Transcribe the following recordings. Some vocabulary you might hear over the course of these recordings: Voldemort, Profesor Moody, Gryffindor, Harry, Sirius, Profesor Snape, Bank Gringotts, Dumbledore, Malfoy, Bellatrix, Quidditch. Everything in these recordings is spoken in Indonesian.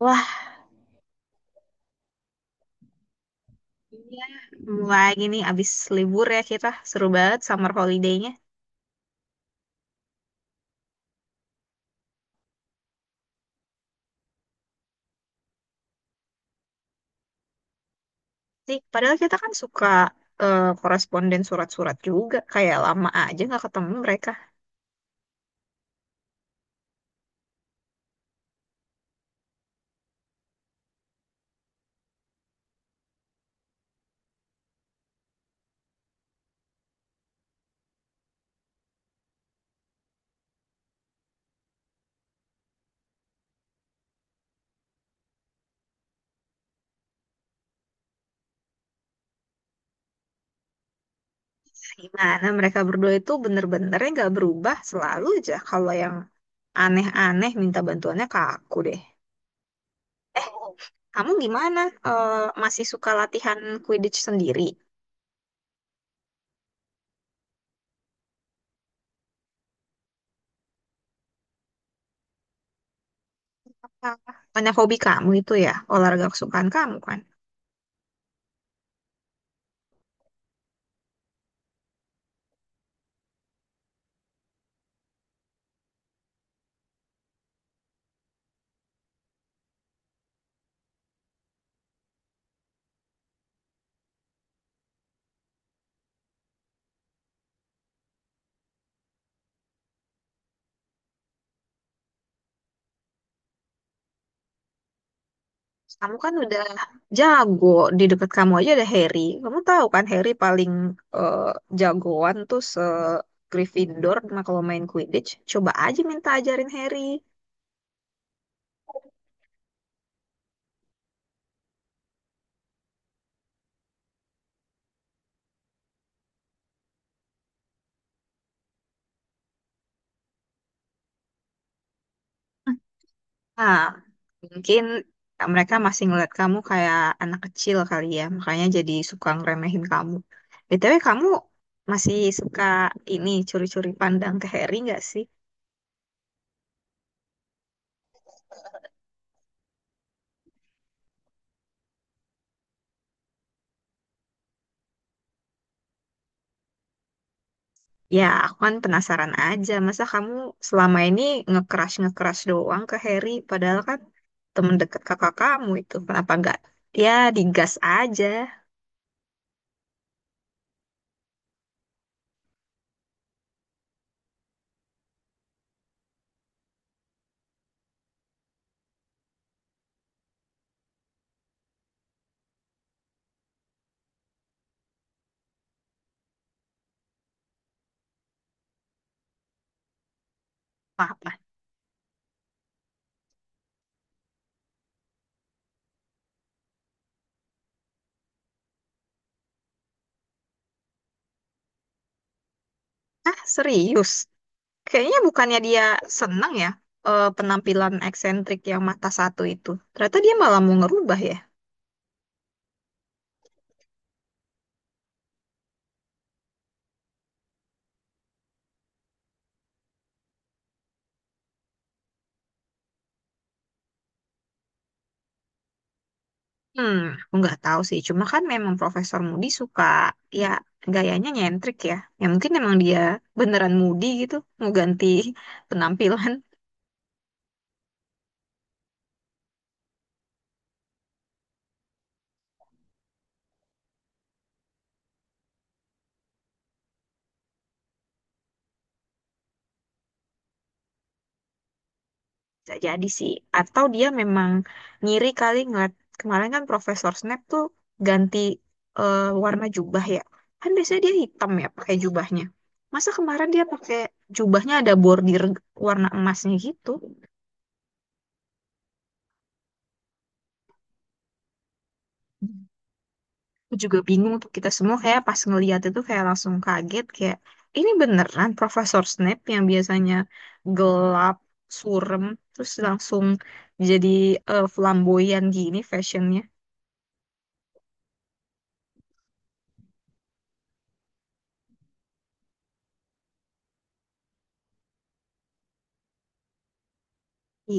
Wah, iya. Mulai gini abis libur ya, kita seru banget summer holiday-nya sih. Padahal kita kan suka koresponden surat-surat juga. Kayak lama aja nggak ketemu mereka. Gimana mereka berdua itu bener-benernya nggak berubah, selalu aja kalau yang aneh-aneh minta bantuannya ke aku deh. Eh, Kamu gimana? Eh, Masih suka latihan Quidditch sendiri? Apa? Banyak hobi kamu itu ya, olahraga kesukaan kamu kan? Kamu kan udah jago, di dekat kamu aja ada Harry. Kamu tahu kan Harry paling eh, jagoan tuh se Gryffindor nah, kalau main Quidditch. Coba aja minta ajarin Harry. Nah, mungkin mereka masih ngeliat kamu kayak anak kecil kali ya, makanya jadi suka ngeremehin kamu. BTW kamu masih suka ini curi-curi pandang ke Harry nggak sih? Ya, aku kan penasaran aja. Masa kamu selama ini nge crush nge doang ke Harry? Padahal kan temen deket kakak kamu itu. Kenapa nggak? Ya, digas aja. Apa? Ah, serius? Kayaknya bukannya dia seneng ya penampilan eksentrik yang mata satu itu. Ternyata dia malah mau ngerubah ya? Hmm, aku nggak tahu sih. Cuma kan memang Profesor Moody suka, ya, gayanya nyentrik ya. Ya mungkin emang dia beneran Moody gitu. Mau ganti penampilan. Bisa jadi sih. Atau dia memang ngiri kali ngeliat kemarin kan Profesor Snape tuh ganti eh, warna jubah ya. Kan biasanya dia hitam ya pakai jubahnya. Masa kemarin dia pakai jubahnya ada bordir warna emasnya gitu. Aku juga bingung tuh, kita semua kayak pas ngeliat itu kayak langsung kaget kayak ini beneran Profesor Snape yang biasanya gelap, surem, terus langsung jadi flamboyan gini fashionnya.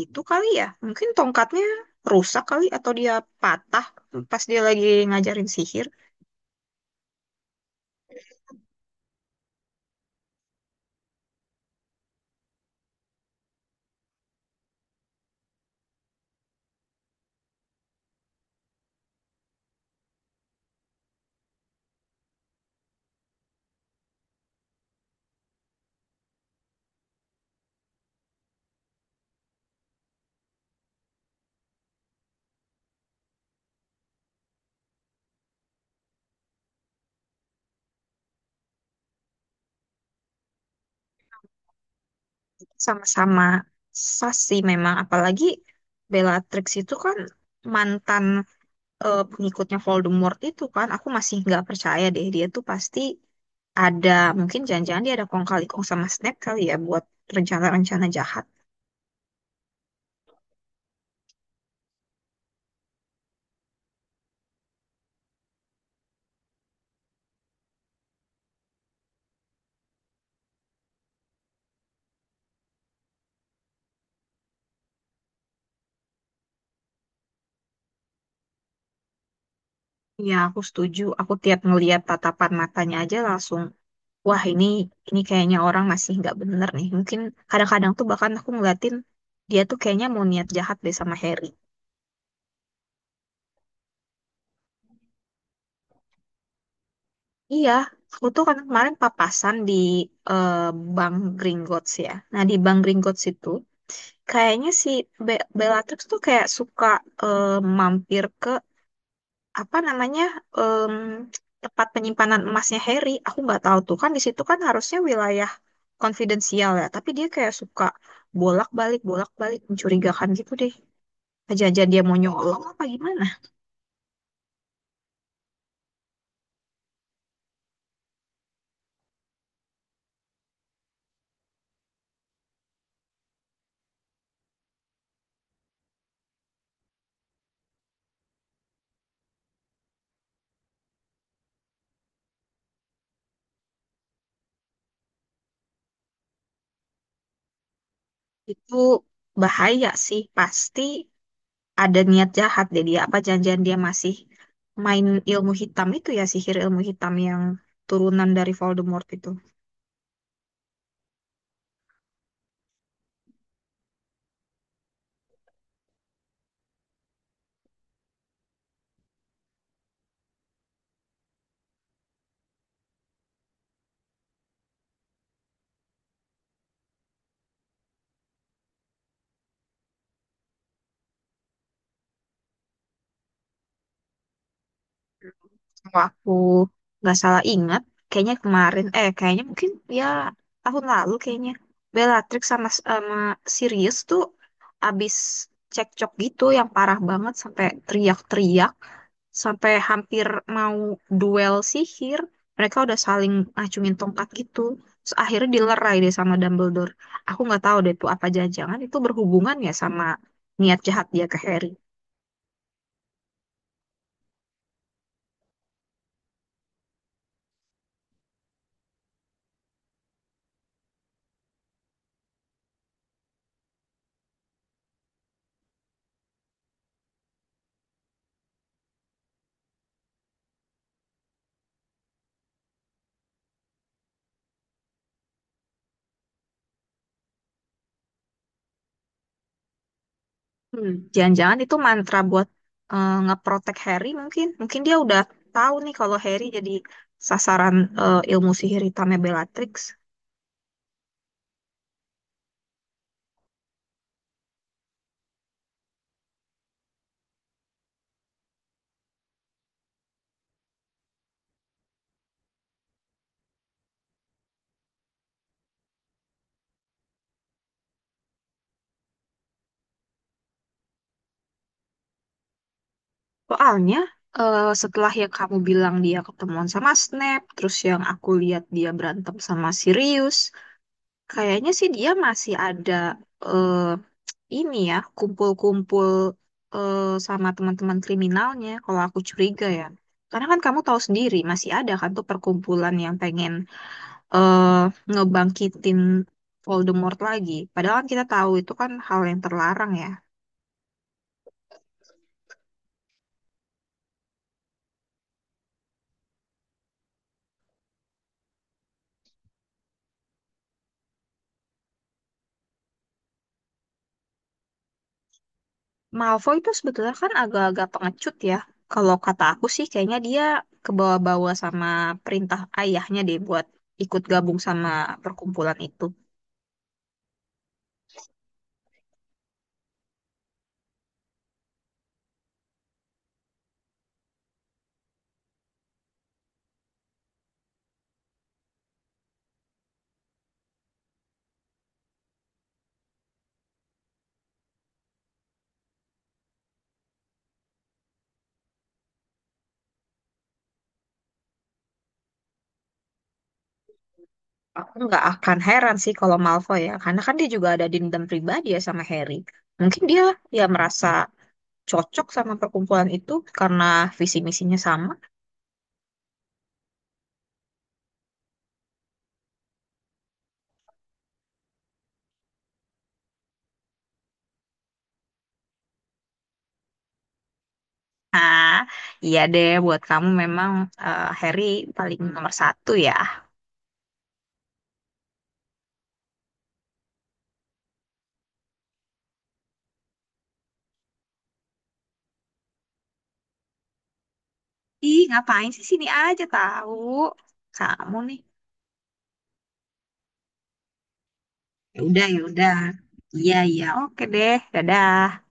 Itu kali ya, mungkin tongkatnya rusak kali atau dia patah pas dia lagi ngajarin sihir. Sama-sama sasi memang, apalagi Bellatrix itu kan mantan pengikutnya Voldemort itu kan. Aku masih nggak percaya deh, dia tuh pasti ada, mungkin jangan-jangan dia ada kong kali kong sama Snape kali ya buat rencana-rencana jahat. Ya, aku setuju. Aku tiap ngeliat tatapan matanya aja langsung, wah ini kayaknya orang masih nggak bener nih. Mungkin kadang-kadang tuh bahkan aku ngeliatin dia tuh kayaknya mau niat jahat deh sama Harry. Iya, aku tuh kan kemarin papasan di eh, Bank Gringotts ya. Nah di Bank Gringotts itu kayaknya si Bellatrix tuh kayak suka eh, mampir ke apa namanya, em, tempat penyimpanan emasnya Harry. Aku nggak tahu tuh, kan di situ kan harusnya wilayah konfidensial ya. Tapi dia kayak suka bolak-balik mencurigakan gitu deh. Aja-aja dia mau nyolong apa gimana, itu bahaya sih, pasti ada niat jahat deh dia, apa janjian dia masih main ilmu hitam itu ya, sihir ilmu hitam yang turunan dari Voldemort itu. Kalau aku nggak salah ingat, kayaknya kemarin, kayaknya mungkin ya tahun lalu kayaknya, Bellatrix sama sama Sirius tuh abis cekcok gitu yang parah banget sampai teriak-teriak, sampai hampir mau duel sihir, mereka udah saling acungin tongkat gitu. Terus akhirnya dilerai deh sama Dumbledore. Aku nggak tahu deh tuh, apa jangan-jangan itu berhubungan ya sama niat jahat dia ke Harry. Hmm, jangan-jangan itu mantra buat ngeprotek Harry mungkin. Mungkin dia udah tahu nih kalau Harry jadi sasaran ilmu sihir hitamnya Bellatrix. Soalnya setelah yang kamu bilang dia ketemuan sama Snape, terus yang aku lihat dia berantem sama Sirius, kayaknya sih dia masih ada, eh, ini ya, kumpul-kumpul sama teman-teman kriminalnya, kalau aku curiga ya. Karena kan kamu tahu sendiri, masih ada kan tuh perkumpulan yang pengen eh, ngebangkitin Voldemort lagi. Padahal kan kita tahu itu kan hal yang terlarang ya. Malfoy itu sebetulnya kan agak-agak pengecut ya. Kalau kata aku sih kayaknya dia kebawa-bawa sama perintah ayahnya deh buat ikut gabung sama perkumpulan itu. Aku nggak akan heran sih kalau Malfoy ya, karena kan dia juga ada dendam pribadi ya sama Harry. Mungkin dia ya merasa cocok sama perkumpulan itu karena visi misinya sama. Ah, iya deh, buat kamu memang Harry paling nomor satu ya. Ih, ngapain sih, sini aja tahu? Kamu nih. Ya udah, ya udah. Iya, iya, oke deh. Dadah.